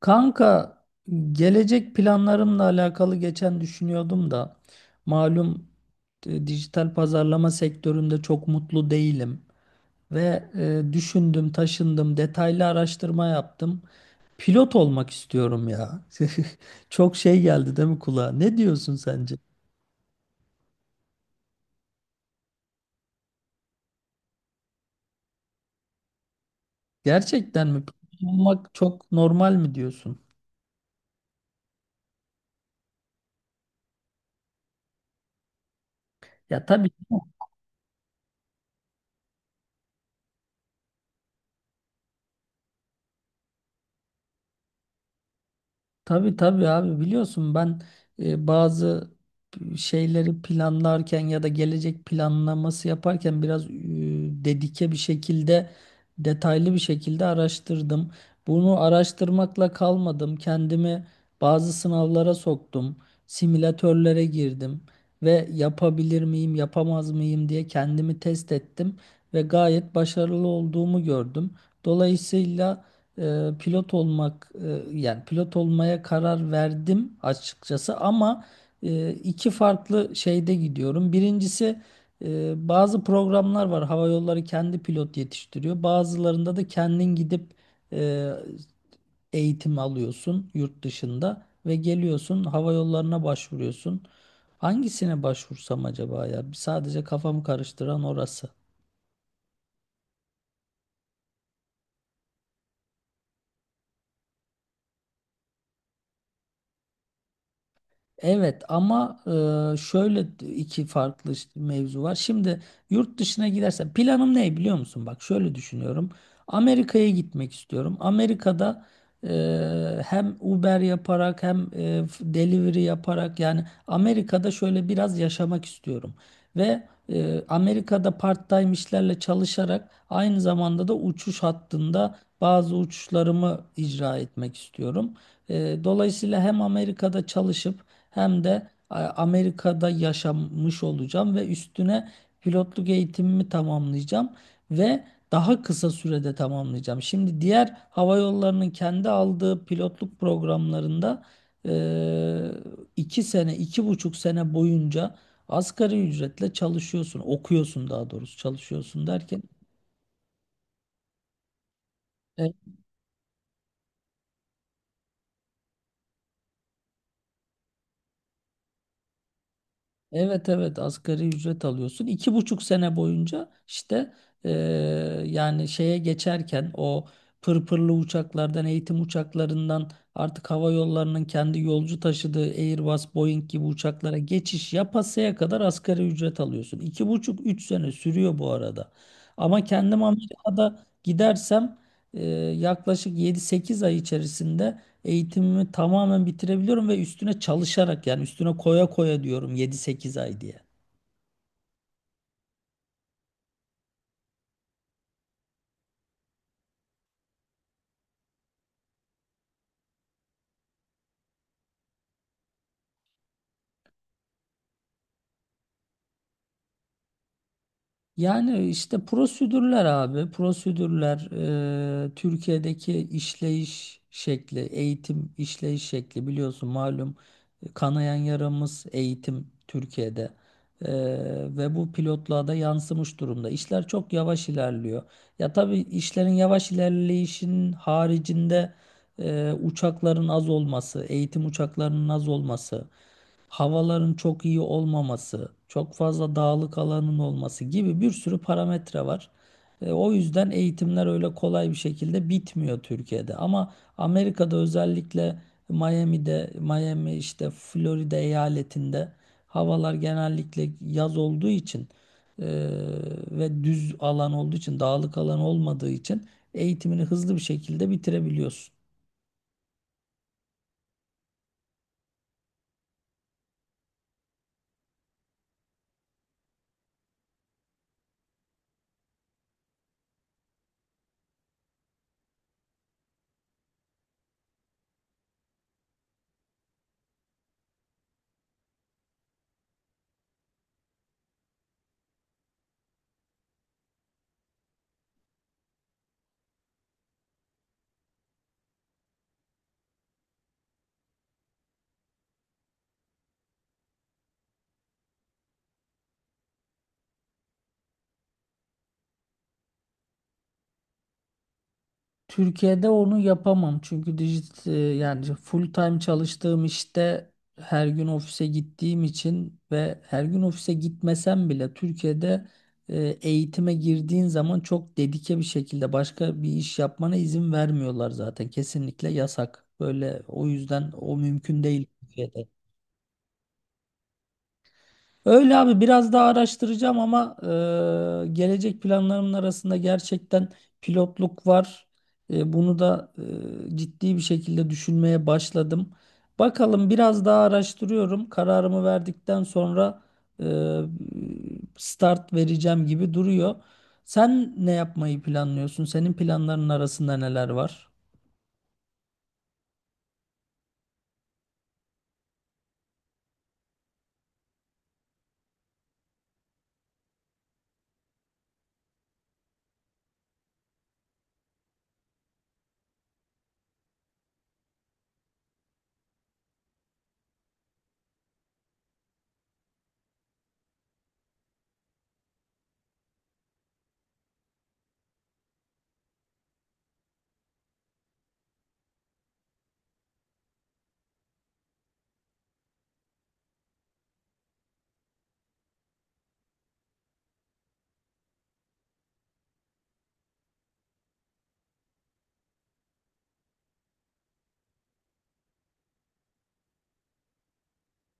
Kanka gelecek planlarımla alakalı geçen düşünüyordum da malum, dijital pazarlama sektöründe çok mutlu değilim ve düşündüm, taşındım, detaylı araştırma yaptım. Pilot olmak istiyorum ya. Çok şey geldi değil mi kulağa? Ne diyorsun sence? Gerçekten mi? Pilot olmak çok normal mi diyorsun? Ya tabii. Tabii abi biliyorsun ben, bazı şeyleri planlarken ya da gelecek planlaması yaparken biraz dedike bir şekilde, detaylı bir şekilde araştırdım. Bunu araştırmakla kalmadım. Kendimi bazı sınavlara soktum. Simülatörlere girdim ve yapabilir miyim, yapamaz mıyım diye kendimi test ettim ve gayet başarılı olduğumu gördüm. Dolayısıyla yani pilot olmaya karar verdim açıkçası ama iki farklı şeyde gidiyorum. Birincisi, bazı programlar var. Hava yolları kendi pilot yetiştiriyor. Bazılarında da kendin gidip e, eğitim alıyorsun yurt dışında ve geliyorsun hava yollarına başvuruyorsun. Hangisine başvursam acaba ya? Sadece kafamı karıştıran orası. Evet ama şöyle iki farklı mevzu var. Şimdi yurt dışına gidersen planım ne biliyor musun? Bak şöyle düşünüyorum. Amerika'ya gitmek istiyorum. Amerika'da hem Uber yaparak hem delivery yaparak, yani Amerika'da şöyle biraz yaşamak istiyorum. Ve Amerika'da part-time işlerle çalışarak aynı zamanda da uçuş hattında bazı uçuşlarımı icra etmek istiyorum. Dolayısıyla hem Amerika'da çalışıp hem de Amerika'da yaşamış olacağım ve üstüne pilotluk eğitimimi tamamlayacağım ve daha kısa sürede tamamlayacağım. Şimdi diğer hava yollarının kendi aldığı pilotluk programlarında e, iki sene, iki buçuk sene boyunca asgari ücretle çalışıyorsun, okuyorsun, daha doğrusu çalışıyorsun derken e, evet evet, asgari ücret alıyorsun. İki buçuk sene boyunca işte, eee, yani şeye geçerken o pırpırlı uçaklardan, eğitim uçaklarından artık hava yollarının kendi yolcu taşıdığı Airbus, Boeing gibi uçaklara geçiş yapasaya kadar asgari ücret alıyorsun. İki buçuk, üç sene sürüyor bu arada. Ama kendim Amerika'da gidersem eee, yaklaşık yedi sekiz ay içerisinde eğitimimi tamamen bitirebiliyorum ve üstüne çalışarak, yani üstüne koya koya diyorum yedi sekiz ay diye. Yani işte prosedürler abi, prosedürler, Türkiye'deki işleyiş şekli, eğitim işleyiş şekli, biliyorsun malum kanayan yaramız eğitim Türkiye'de. E, Ve bu pilotluğa da yansımış durumda. İşler çok yavaş ilerliyor. Ya tabii işlerin yavaş ilerleyişinin haricinde uçakların az olması, eğitim uçaklarının az olması, havaların çok iyi olmaması, çok fazla dağlık alanın olması gibi bir sürü parametre var. O yüzden eğitimler öyle kolay bir şekilde bitmiyor Türkiye'de. Ama Amerika'da, özellikle Miami'de, Miami işte Florida eyaletinde havalar genellikle yaz olduğu için e, ve düz alan olduğu için, dağlık alan olmadığı için eğitimini hızlı bir şekilde bitirebiliyorsun. Türkiye'de onu yapamam çünkü yani full time çalıştığım işte her gün ofise gittiğim için ve her gün ofise gitmesem bile Türkiye'de, e, eğitime girdiğin zaman çok dedike bir şekilde başka bir iş yapmana izin vermiyorlar, zaten kesinlikle yasak. Böyle, o yüzden o mümkün değil Türkiye'de. Öyle abi, biraz daha araştıracağım ama gelecek planlarımın arasında gerçekten pilotluk var. Bunu da ciddi bir şekilde düşünmeye başladım. Bakalım, biraz daha araştırıyorum. Kararımı verdikten sonra e, start vereceğim gibi duruyor. Sen ne yapmayı planlıyorsun? Senin planların arasında neler var?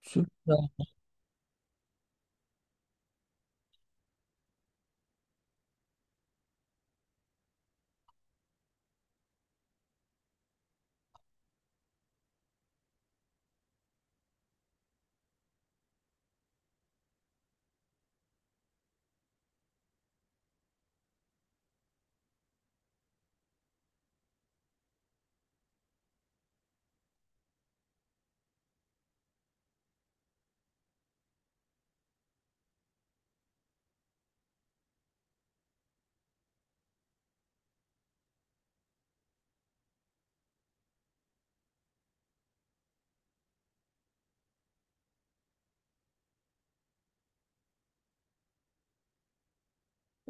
Süper.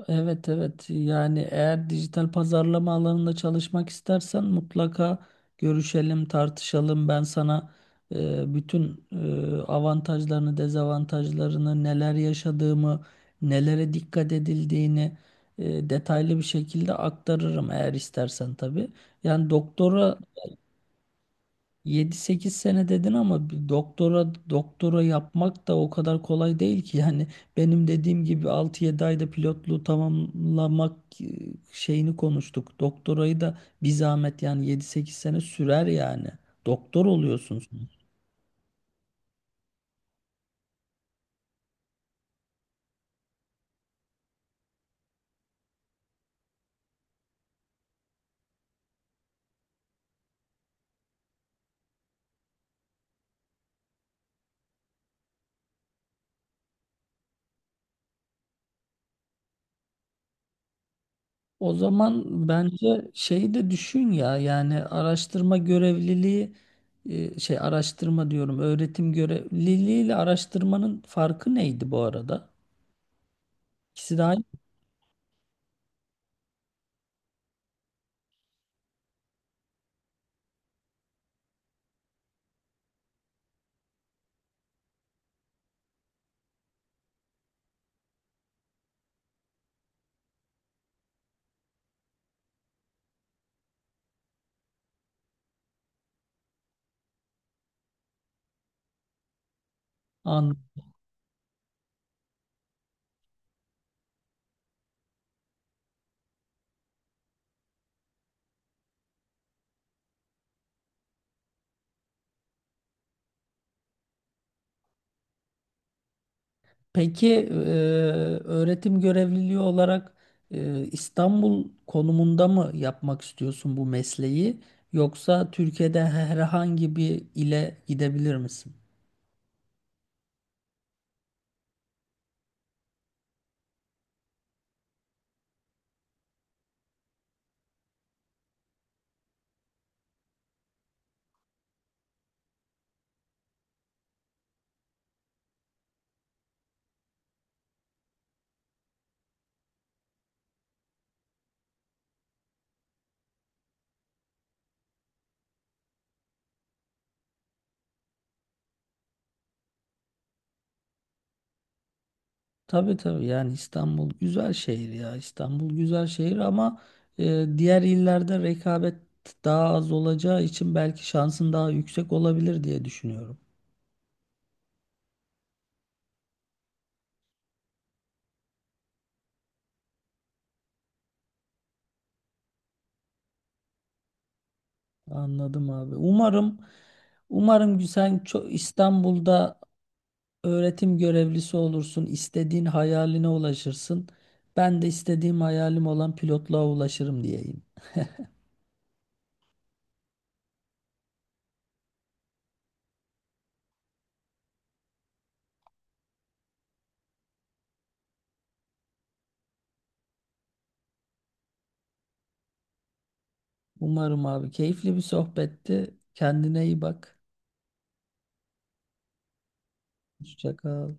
Evet evet, yani eğer dijital pazarlama alanında çalışmak istersen mutlaka görüşelim, tartışalım, ben sana bütün avantajlarını, dezavantajlarını, neler yaşadığımı, nelere dikkat edildiğini detaylı bir şekilde aktarırım, eğer istersen tabii. Yani doktora, yedi sekiz sene dedin ama bir doktora yapmak da o kadar kolay değil ki. Yani benim dediğim gibi altı yedi ayda pilotluğu tamamlamak e, şeyini konuştuk. Doktorayı da bir zahmet, yani yedi sekiz sene sürer yani. Doktor oluyorsunuz. O zaman bence şeyi de düşün ya, yani araştırma görevliliği, şey, araştırma diyorum, öğretim görevliliği ile araştırmanın farkı neydi bu arada? İkisi de aynı. An. Peki öğretim görevliliği olarak İstanbul konumunda mı yapmak istiyorsun bu mesleği, yoksa Türkiye'de herhangi bir ile gidebilir misin? Tabii tabii, yani İstanbul güzel şehir ya, İstanbul güzel şehir ama diğer illerde rekabet daha az olacağı için belki şansın daha yüksek olabilir diye düşünüyorum. Anladım abi. Umarım, umarım sen çok İstanbul'da öğretim görevlisi olursun, istediğin hayaline ulaşırsın. Ben de istediğim hayalim olan pilotluğa ulaşırım diyeyim. Umarım abi, keyifli bir sohbetti. Kendine iyi bak. Hoşça kal.